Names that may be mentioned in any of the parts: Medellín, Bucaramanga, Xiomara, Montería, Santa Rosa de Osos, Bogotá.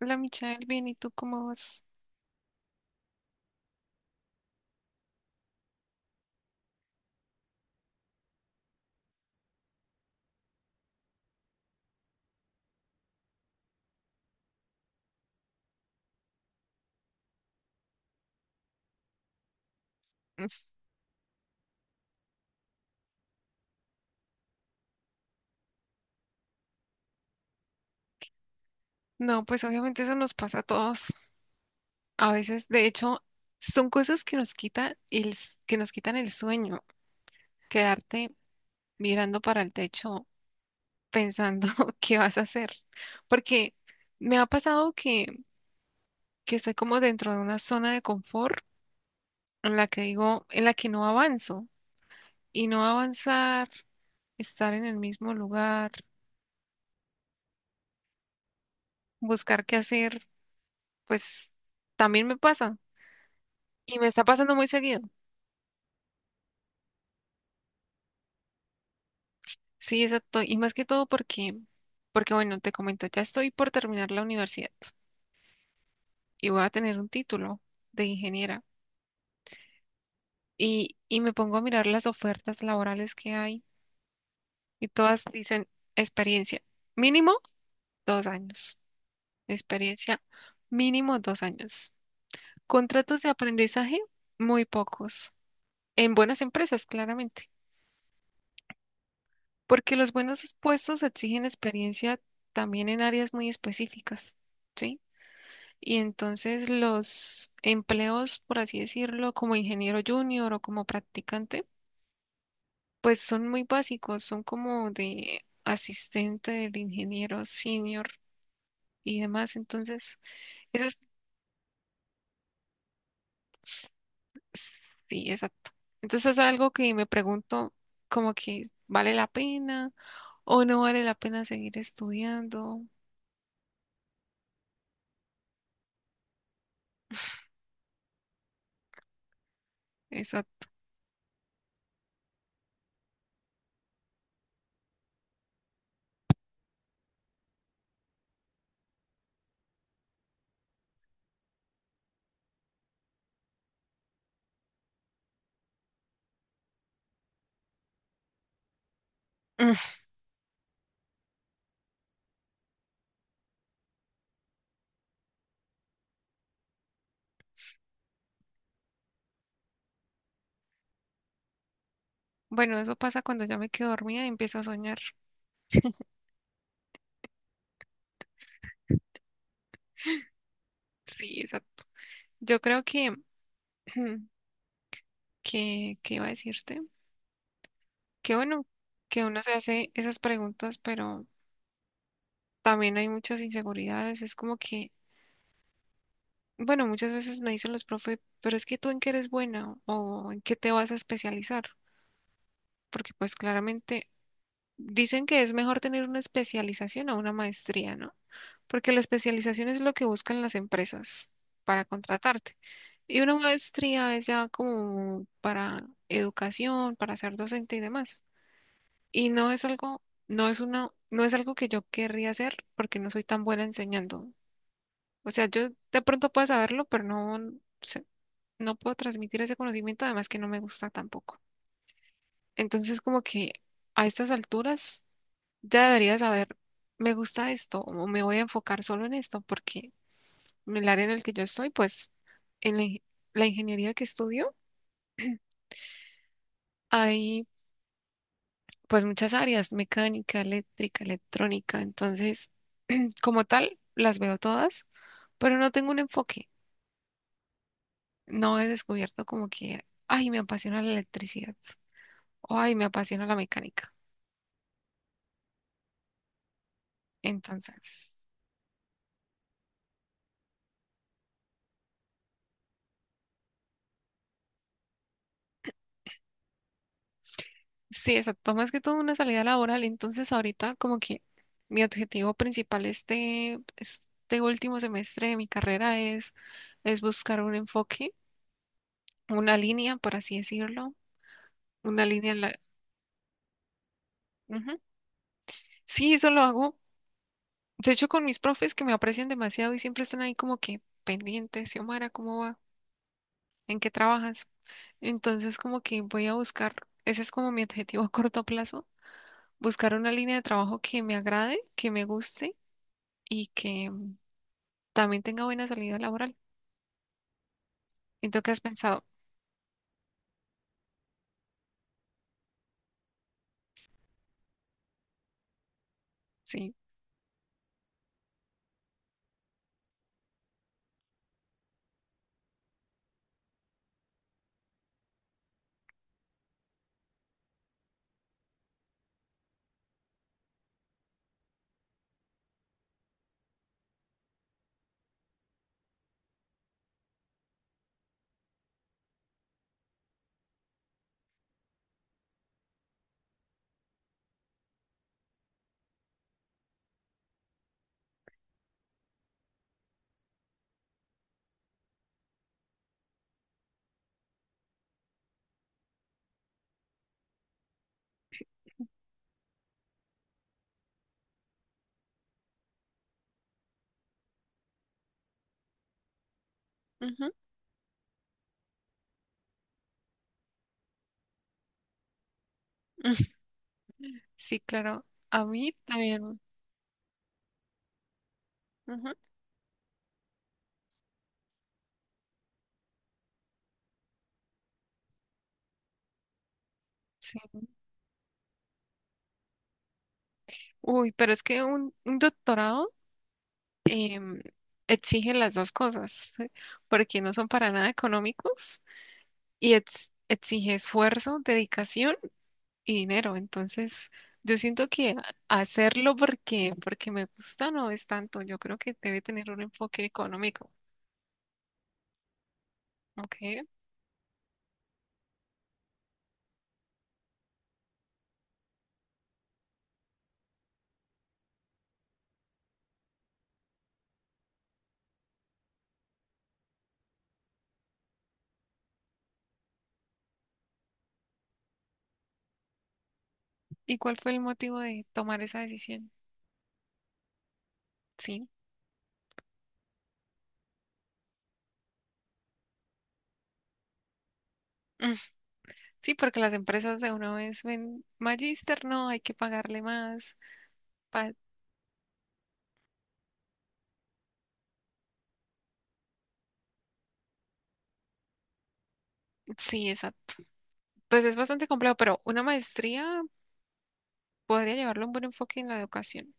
Hola Michael, bien, ¿y tú cómo vas? Mm, No, pues obviamente eso nos pasa a todos. A veces, de hecho, son cosas que nos quita el, s- que nos quitan el sueño, quedarte mirando para el techo pensando qué vas a hacer. Porque me ha pasado que estoy como dentro de una zona de confort en la que no avanzo. Y no avanzar, estar en el mismo lugar, buscar qué hacer, pues también me pasa. Y me está pasando muy seguido. Sí, exacto. Y más que todo porque bueno, te comento, ya estoy por terminar la universidad y voy a tener un título de ingeniera. Y me pongo a mirar las ofertas laborales que hay y todas dicen experiencia mínimo 2 años. Experiencia mínimo dos años. Contratos de aprendizaje muy pocos. En buenas empresas, claramente. Porque los buenos puestos exigen experiencia también en áreas muy específicas. ¿Sí? Y entonces los empleos, por así decirlo, como ingeniero junior o como practicante, pues son muy básicos, son como de asistente del ingeniero senior y demás. Entonces, eso es, sí, exacto. Entonces es algo que me pregunto como que vale la pena o no vale la pena seguir estudiando. Exacto. Bueno, eso pasa cuando ya me quedo dormida y empiezo a soñar. Sí, exacto. Yo creo que, ¿Qué iba a decirte? Qué bueno que uno se hace esas preguntas, pero también hay muchas inseguridades. Es como que, bueno, muchas veces me dicen los profes, pero es que tú en qué eres buena o en qué te vas a especializar, porque pues claramente dicen que es mejor tener una especialización a una maestría, ¿no? Porque la especialización es lo que buscan las empresas para contratarte. Y una maestría es ya como para educación, para ser docente y demás. Y no es algo que yo querría hacer porque no soy tan buena enseñando. O sea, yo de pronto puedo saberlo, pero sé- no puedo transmitir ese conocimiento, además que no me gusta tampoco. Entonces, como que a estas alturas ya debería saber, me gusta esto o me voy a enfocar solo en esto porque en el área en el que yo estoy, pues en la, ing- la ingeniería que estudio, hay pues muchas áreas, mecánica, eléctrica, electrónica. Entonces, como tal, las veo todas, pero no tengo un enfoque. No he descubierto como que, ay, me apasiona la electricidad o ay, me apasiona la mecánica. Entonces, sí, exacto, más que todo una salida laboral. Entonces, ahorita como que mi objetivo principal este último semestre de mi carrera es, buscar un enfoque, una línea, por así decirlo, una línea en la... Ujú. Sí, eso lo hago. De hecho, con mis profes que me aprecian demasiado y siempre están ahí como que pendientes, Xiomara, ¿cómo va? ¿En qué trabajas? Entonces, como que voy a buscar, ese es como mi objetivo a corto plazo, buscar una línea de trabajo que me agrade, que me guste y que también tenga buena salida laboral. ¿Y tú qué has pensado? Sí. Ujú. Sí, claro. A mí también. Ujú. Sí. Uy, pero es que un doctorado em, exige las dos cosas, porque no son para nada económicos y exige esfuerzo, dedicación y dinero. Entonces, yo siento que hacerlo porque me gusta no es tanto. Yo creo que debe tener un enfoque económico. ¿Ok? ¿Y cuál fue el motivo de tomar esa decisión? Sí. Mm, Sí, porque las empresas de una vez ven magíster, no, hay que pagarle más. pa- Sí, exacto. Pues es bastante complejo, pero una maestría podría llevarle un buen enfoque en la educación.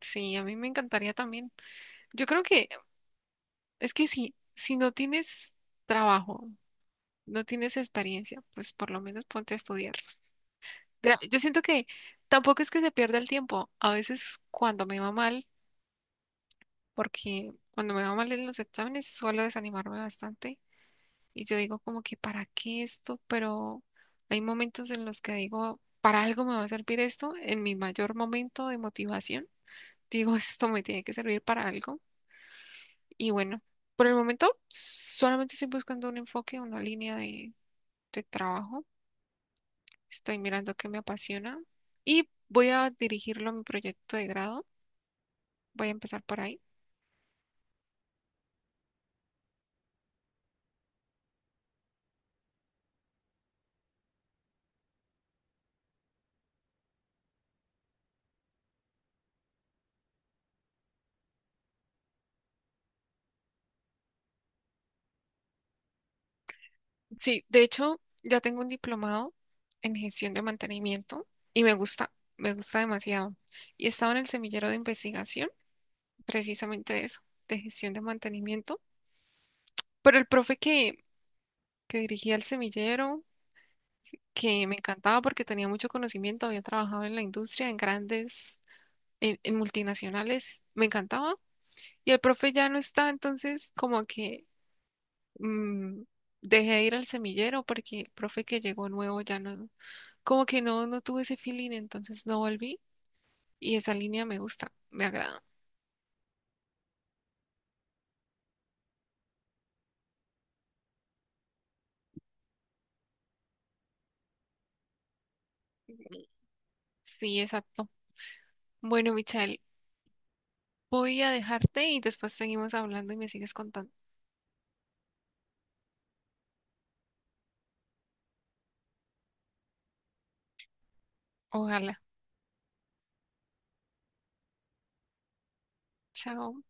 Sí, a mí me encantaría también. Yo creo que Es que si no tienes trabajo, no tienes experiencia, pues por lo menos ponte a estudiar. Mira, yo siento que tampoco es que se pierda el tiempo. A veces cuando me va mal, porque cuando me va mal en los exámenes suelo desanimarme bastante y yo digo como que ¿para qué esto? Pero hay momentos en los que digo, ¿para algo me va a servir esto? En mi mayor momento de motivación, digo, esto me tiene que servir para algo. Y bueno, por el momento solamente estoy buscando un enfoque, una línea de trabajo. Estoy mirando qué me apasiona y voy a dirigirlo a mi proyecto de grado. Voy a empezar por ahí. Sí, de hecho, ya tengo un diplomado en gestión de mantenimiento y me gusta demasiado. Y estaba en el semillero de investigación, precisamente de eso, de gestión de mantenimiento. Pero el profe que dirigía el semillero, que me encantaba porque tenía mucho conocimiento, había trabajado en la industria, en multinacionales, me encantaba. Y el profe ya no está, entonces como que mm, dejé de ir al semillero porque el profe que llegó nuevo ya no, como que no, no tuve ese feeling, entonces no volví. Y esa línea me gusta, me agrada. Sí, exacto. Bueno, Michelle, voy a dejarte y después seguimos hablando y me sigues contando. Ojalá. Chao.